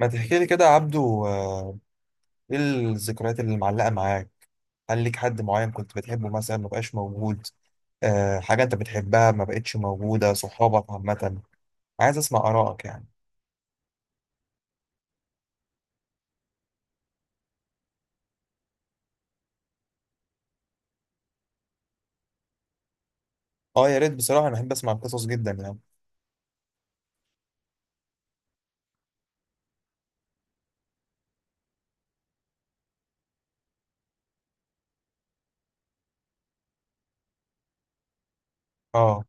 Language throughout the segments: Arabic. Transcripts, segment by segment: ما تحكي لي كده يا عبدو، ايه الذكريات اللي معلقة معاك؟ هل ليك حد معين كنت بتحبه مثلا ما بقاش موجود؟ حاجة انت بتحبها ما بقتش موجودة، صحابك عامة. عايز اسمع آرائك يعني. اه، يا ريت بصراحة، انا بحب اسمع القصص جدا يعني. اه.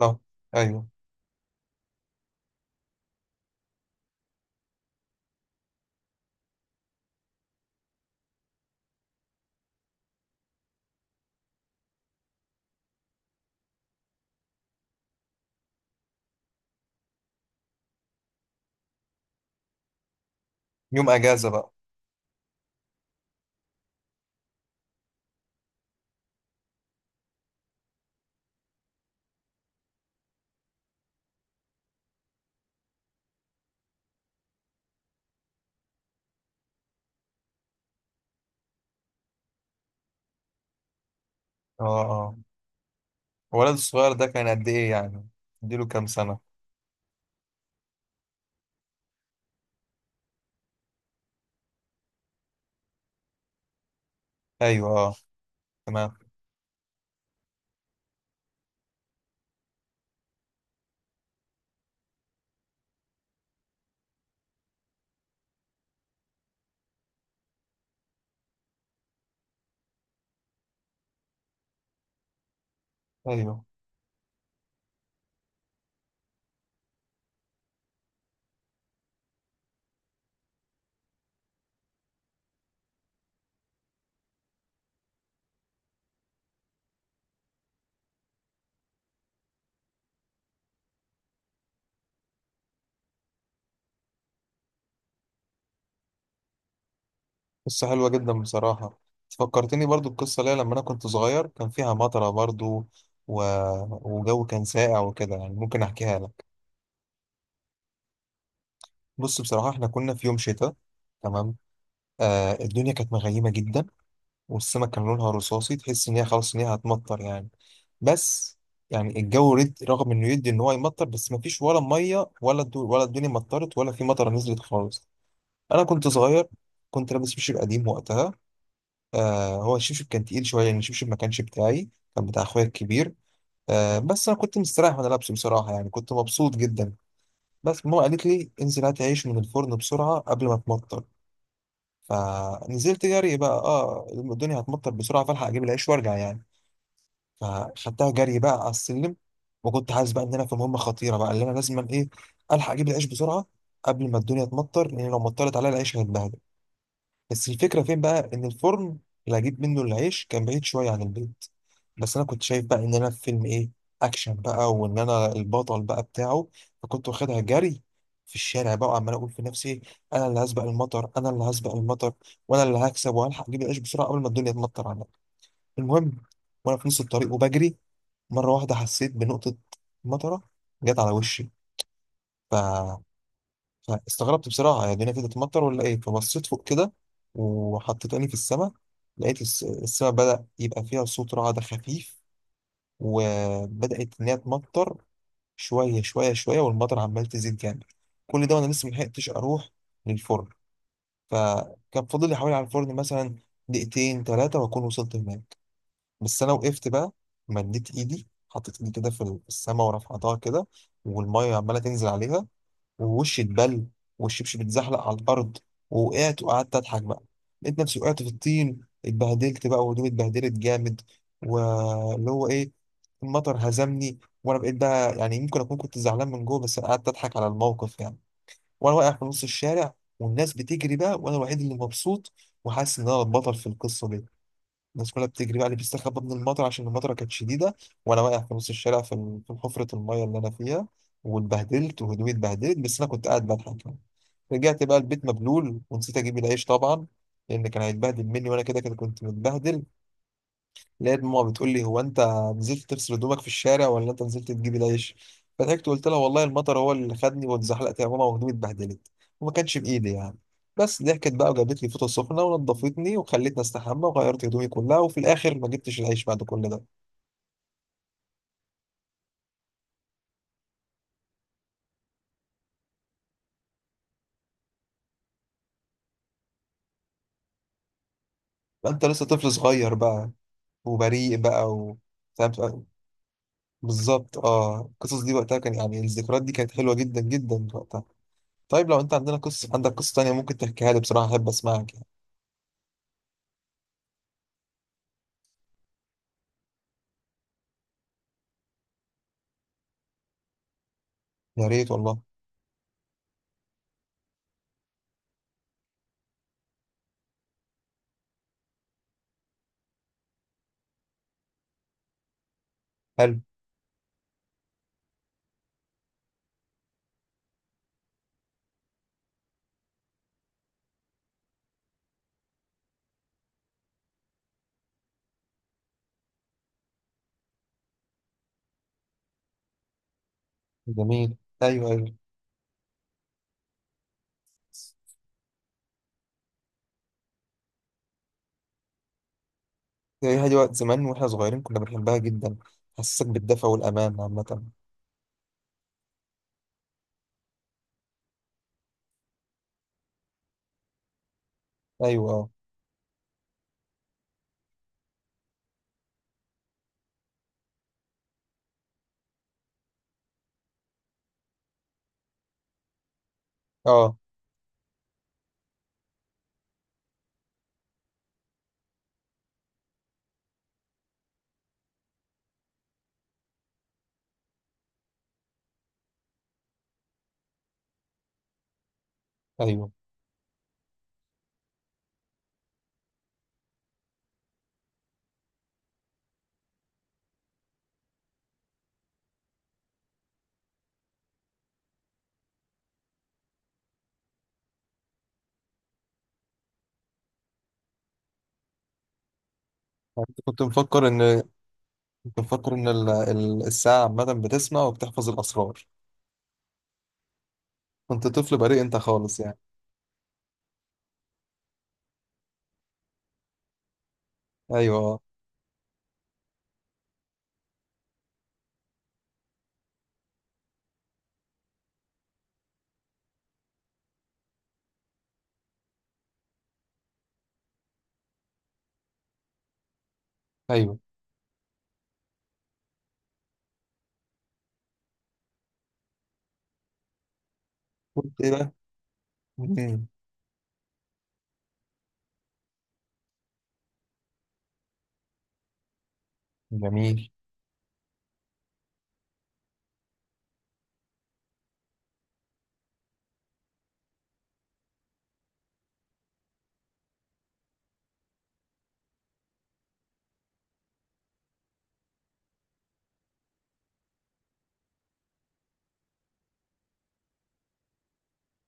اه. ايوه. يوم اجازة بقى. اه. اه. الولد الصغير ده كان قد ايه يعني؟ اديله كام سنة؟ ايوه. اه. تمام. ايوه. قصة حلوة جدا بصراحة. فكرتني برضو القصة ليا لما أنا كنت صغير، كان فيها مطرة برضو و... وجو كان ساقع وكده يعني. ممكن أحكيها لك. بص بصراحة، إحنا كنا في يوم شتاء. تمام. آه الدنيا كانت مغيمة جدا، والسماء كان لونها رصاصي، تحس إن هي خلاص إن هي هتمطر يعني. بس يعني الجو رد، رغم إنه يدي إن هو يمطر بس مفيش ولا مية، ولا ولا الدنيا مطرت ولا في مطرة نزلت خالص. أنا كنت صغير، كنت لابس مشير قديم وقتها. آه هو الشبشب كان تقيل شويه يعني، الشبشب ما كانش بتاعي، كان بتاع اخويا الكبير. آه بس انا كنت مستريح وانا لابسه بصراحه يعني، كنت مبسوط جدا. بس ماما قالت لي انزل هات عيش من الفرن بسرعه قبل ما تمطر. فنزلت جري بقى، اه الدنيا هتمطر بسرعه فالحق اجيب العيش وارجع يعني. فخدتها جري بقى على السلم، وكنت حاسس بقى ان انا في مهمه خطيره بقى، اللي انا لازم ايه الحق اجيب العيش بسرعه قبل ما الدنيا تمطر، لان لو مطرت عليا العيش هيتبهدل. بس الفكرة فين بقى؟ إن الفرن اللي هجيب منه العيش كان بعيد شوية عن البيت. بس أنا كنت شايف بقى إن أنا في فيلم إيه، أكشن بقى، وإن أنا البطل بقى بتاعه. فكنت واخدها جري في الشارع بقى، وعمال أقول في نفسي، أنا اللي هسبق المطر، أنا اللي هسبق المطر، وأنا اللي هكسب وهلحق أجيب العيش بسرعة قبل ما الدنيا تمطر عليا. المهم، وأنا في نص الطريق وبجري، مرة واحدة حسيت بنقطة مطرة جت على وشي. استغربت بصراحة يعني، هنا في تتمطر ولا ايه؟ فبصيت فوق كده وحطيت عيني في السماء، لقيت السماء بدأ يبقى فيها صوت رعد خفيف، وبدأت إن هي تمطر. شوية شوية شوية والمطر عمال تزيد جامد. كل ده وأنا لسه ملحقتش أروح للفرن. فكان فاضل لي حوالي على الفرن مثلا دقيقتين 3 وأكون وصلت هناك. بس أنا وقفت بقى، مديت إيدي حطيت إيدي كده في السماء ورفعتها كده، والمية عمالة تنزل عليها. ووشي اتبل، والشبشب اتزحلق على الارض، ووقعت وقعدت اضحك بقى. لقيت نفسي وقعت في الطين، اتبهدلت بقى وهدومي اتبهدلت جامد. واللي هو ايه، المطر هزمني، وانا بقيت بقى يعني، يمكن اكون كنت زعلان من جوه بس أنا قعدت اضحك على الموقف يعني. وانا واقع في نص الشارع والناس بتجري بقى، وانا الوحيد اللي مبسوط وحاسس ان انا البطل في القصه دي. الناس كلها بتجري بقى، اللي بيستخبى من المطر عشان المطره كانت شديده، وانا واقع في نص الشارع في في حفره الميه اللي انا فيها، واتبهدلت وهدومي اتبهدلت، بس انا كنت قاعد بضحك يعني. رجعت بقى البيت مبلول ونسيت اجيب العيش طبعا، لان كان هيتبهدل مني وانا كده كده كنت متبهدل. لقيت ماما بتقول لي، هو انت نزلت تغسل هدومك في الشارع ولا انت نزلت تجيب العيش؟ فضحكت وقلت لها، والله المطر هو اللي خدني واتزحلقت يا ماما وهدومي اتبهدلت وما كانش بايدي يعني. بس ضحكت بقى، وجابت لي فوطه سخنه ونضفتني وخلتني استحمى وغيرت هدومي كلها، وفي الاخر ما جبتش العيش بعد كل ده. فانت لسه طفل صغير بقى، وبريء بقى فاهم. بالظبط اه، القصص دي وقتها كان يعني، الذكريات دي كانت حلوه جدا جدا وقتها. طيب لو انت عندنا قصه، عندك قصه تانيه ممكن تحكيها لي بصراحه، احب اسمعك يعني. يا ريت والله. حلو. جميل. ايوه. ايوه هي دي، وقت زمان واحنا صغيرين كنا بنحبها جدا، حسسك بالدفى والامان عامه. ايوه. اه. اه. ايوه يعني أنت كنت مفكر ان الساعه عامه بتسمع وبتحفظ الاسرار؟ كنت طفل بريء انت خالص يعني. ايوه آه. ايوه كنت ايه بقى؟ مم. جميل.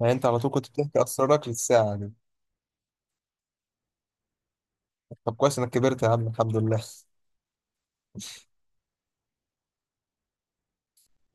يعني انت على طول كنت بتحكي اسرارك للساعه دي؟ طب كويس انك كبرت يا عم، الحمد لله.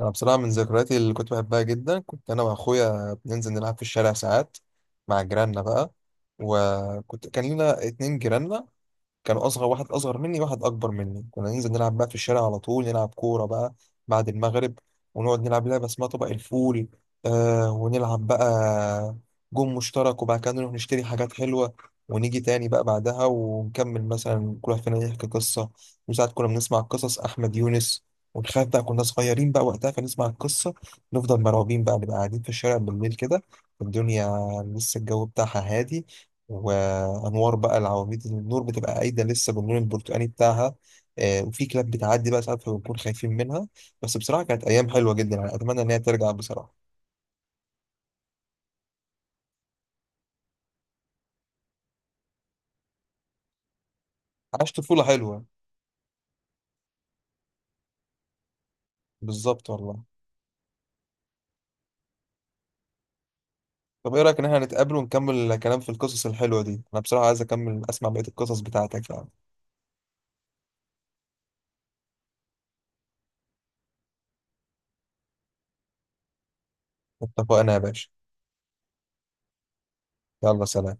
انا بصراحه من ذكرياتي اللي كنت بحبها جدا، كنت انا واخويا بننزل نلعب في الشارع ساعات مع جيراننا بقى. وكنت كان لنا 2 جيراننا، كان اصغر واحد اصغر مني، واحد اكبر مني. كنا ننزل نلعب بقى في الشارع على طول، نلعب كوره بقى بعد المغرب، ونقعد نلعب لعبه اسمها طبق الفول. آه ونلعب بقى جون مشترك، وبعد كده نروح نشتري حاجات حلوه، ونيجي تاني بقى بعدها ونكمل، مثلا كل واحد فينا يحكي قصه. وساعات كنا بنسمع قصص احمد يونس، وتخيل بقى كنا صغيرين بقى وقتها، فنسمع القصه نفضل مرعوبين بقى، نبقى قاعدين في الشارع بالليل كده، الدنيا لسه الجو بتاعها هادي، انوار بقى العواميد النور بتبقى قايده لسه باللون البرتقاني بتاعها. آه، وفي كلاب بتعدي بقى ساعات فبنكون خايفين منها. بس بصراحه كانت ايام حلوه جدا يعني، اتمنى ان هي ترجع بصراحه. عشت طفوله حلوه. بالظبط والله. طب ايه رايك ان احنا نتقابل ونكمل كلام في القصص الحلوه دي؟ انا بصراحه عايز اكمل اسمع بقيه القصص بتاعتك يعني. اتفقنا يا باشا. يلا سلام.